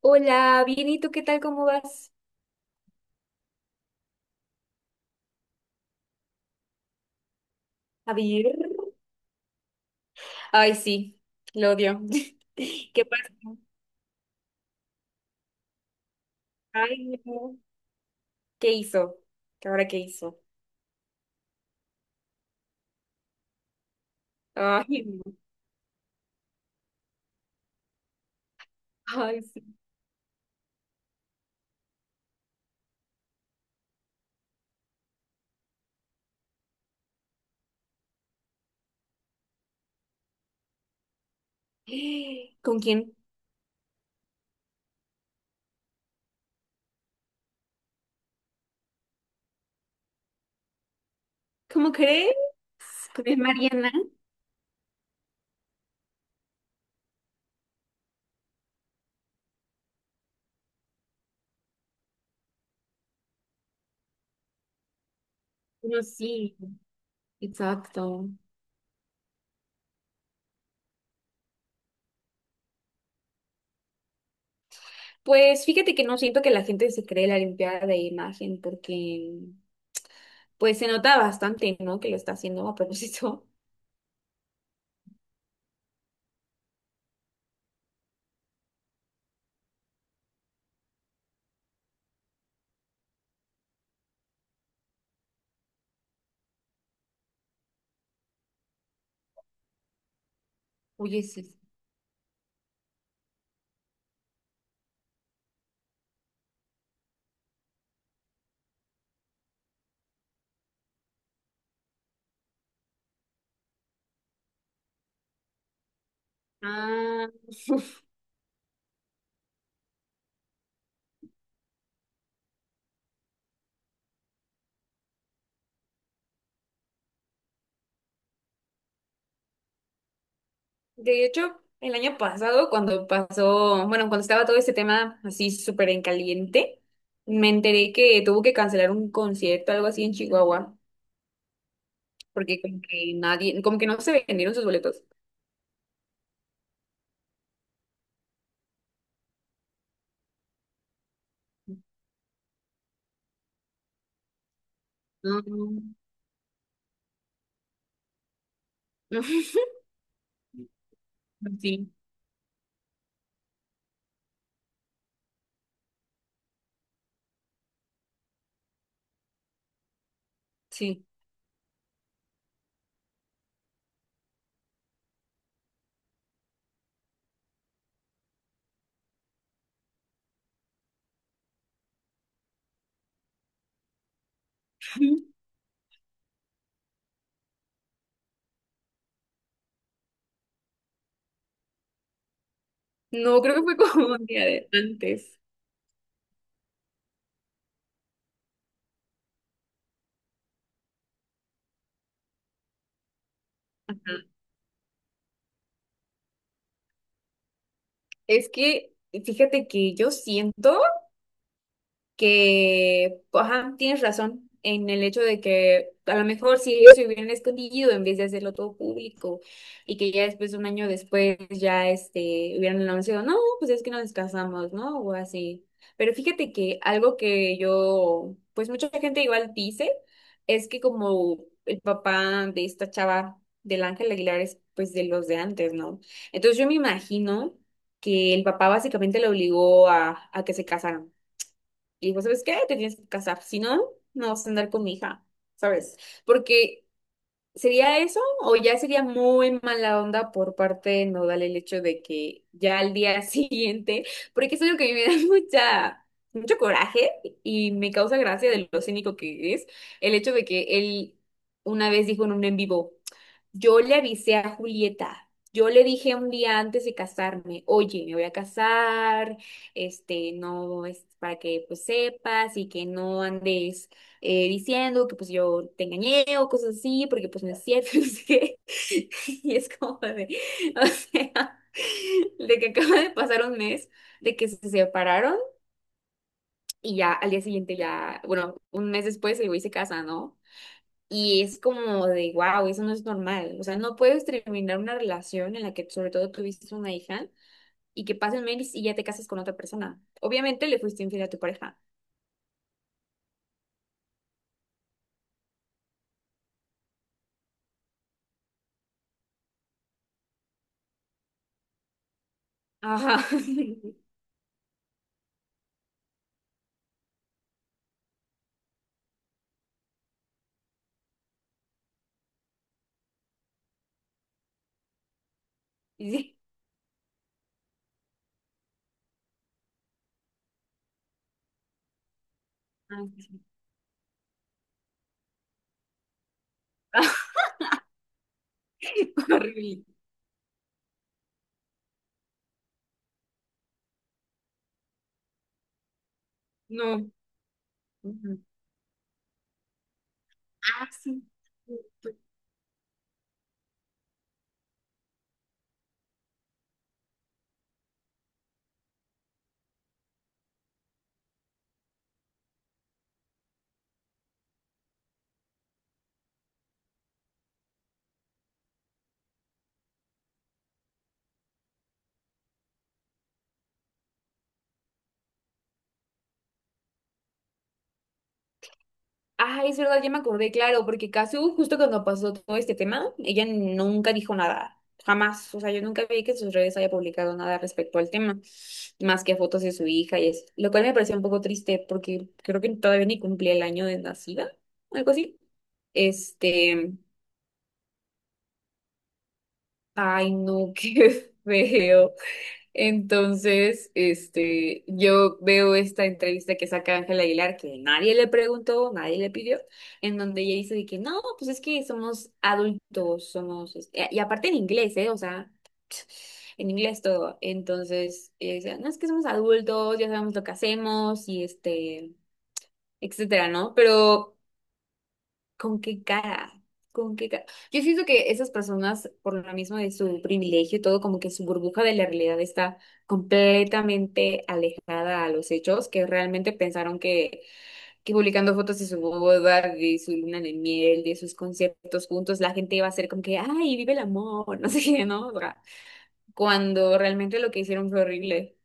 Hola, bien, ¿y tú qué tal? ¿Cómo vas? A ver. Ay, sí, lo odio. ¿Qué pasó? Ay, no. ¿Qué hizo? ¿Qué ahora qué hizo? Ay, no. Ay, sí. ¿Con quién? ¿Cómo crees? ¿Con el Mariana? No, sí, exacto. Pues fíjate que no siento que la gente se cree la limpiada de imagen porque pues se nota bastante, ¿no? Que lo está haciendo a propósito. Oye, sí. Ah. De hecho, el año pasado, cuando pasó, bueno, cuando estaba todo este tema así súper en caliente, me enteré que tuvo que cancelar un concierto, algo así en Chihuahua, porque como que nadie, como que no se vendieron sus boletos. No, no. Sí, sí. No, creo que fue como un día de antes. Ajá. Es que, fíjate que yo siento que, pues, ajá, tienes razón en el hecho de que a lo mejor si ellos se hubieran escondido en vez de hacerlo todo público y que ya después, un año después, ya este, hubieran anunciado, no, pues es que nos casamos, ¿no? O así. Pero fíjate que algo que yo, pues mucha gente igual dice, es que como el papá de esta chava, del Ángel Aguilar, es pues de los de antes, ¿no? Entonces yo me imagino que el papá básicamente le obligó a que se casaran y dijo, ¿sabes qué? Te tienes que casar, si no, no vas a andar con mi hija, ¿sabes? Porque sería eso o ya sería muy mala onda por parte de Nodal el hecho de que ya al día siguiente, porque es algo que a mí me da mucha, mucho coraje y me causa gracia de lo cínico que es, el hecho de que él una vez dijo en un en vivo. Yo le avisé a Julieta. Yo le dije un día antes de casarme, oye, me voy a casar, este, no, es para que pues sepas y que no andes diciendo que pues yo te engañé o cosas así, porque pues no es cierto, no sé qué". Y es como de, o sea, de que acaba de pasar un mes, de que se separaron y ya al día siguiente ya, bueno, un mes después el güey se casa, ¿no? Y es como de, wow, eso no es normal. O sea, no puedes terminar una relación en la que sobre todo tuviste una hija y que pasen meses y ya te casas con otra persona. Obviamente le fuiste infiel a tu pareja. Ajá. Sí. Ah, sí. Horrible. No. Ujú. Ah, sí. Ay, es verdad, ya me acordé, claro, porque Casu, justo cuando pasó todo este tema, ella nunca dijo nada, jamás. O sea, yo nunca vi que en sus redes haya publicado nada respecto al tema, más que fotos de su hija y eso. Lo cual me pareció un poco triste porque creo que todavía ni cumplía el año de nacida, algo así. Este, ay, no, qué feo. Entonces, este, yo veo esta entrevista que saca Ángela Aguilar, que nadie le preguntó, nadie le pidió, en donde ella dice de que no, pues es que somos adultos, somos, es- y aparte en inglés, ¿eh? O sea, en inglés todo. Entonces, ella decía, no es que somos adultos, ya sabemos lo que hacemos y este, etcétera, ¿no? Pero ¿con qué cara? ¿Con qué cara? Yo siento que esas personas, por lo mismo de su privilegio y todo, como que su burbuja de la realidad está completamente alejada a los hechos, que realmente pensaron que publicando fotos de su boda, de su luna de miel, de sus conciertos juntos, la gente iba a ser como que, ay, vive el amor, no sé qué, ¿no? O sea, cuando realmente lo que hicieron fue horrible.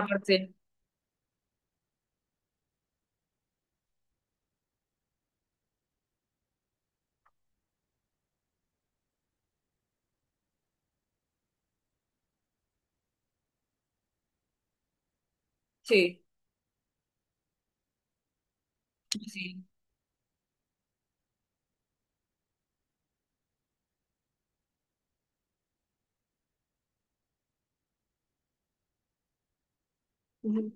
Aparte, sí, sí. Ujú.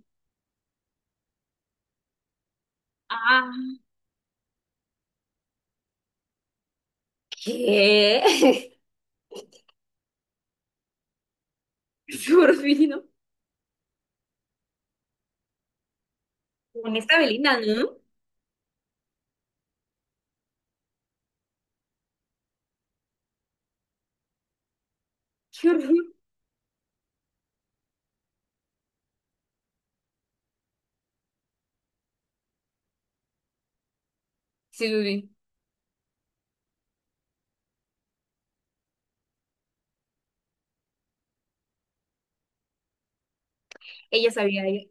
Ah, ¿qué? Es con esta Belina, ¿no? Qué horror. Sí, sí, sí. Ella sabía, ella-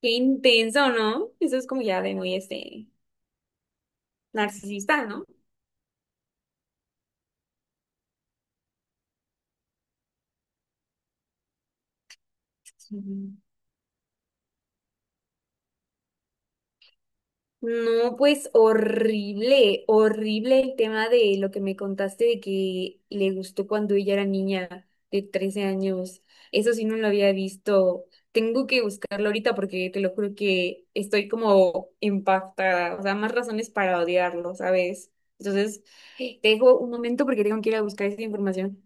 qué intenso, ¿no? Eso es como ya de muy, este, narcisista, ¿no? No, pues horrible, horrible el tema de lo que me contaste de que le gustó cuando ella era niña de 13 años. Eso sí no lo había visto. Tengo que buscarlo ahorita porque te lo juro que estoy como impactada. O sea, más razones para odiarlo, ¿sabes? Entonces, te dejo un momento porque tengo que ir a buscar esa información.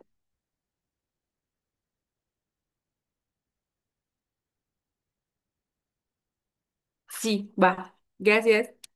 Sí, va. Gracias.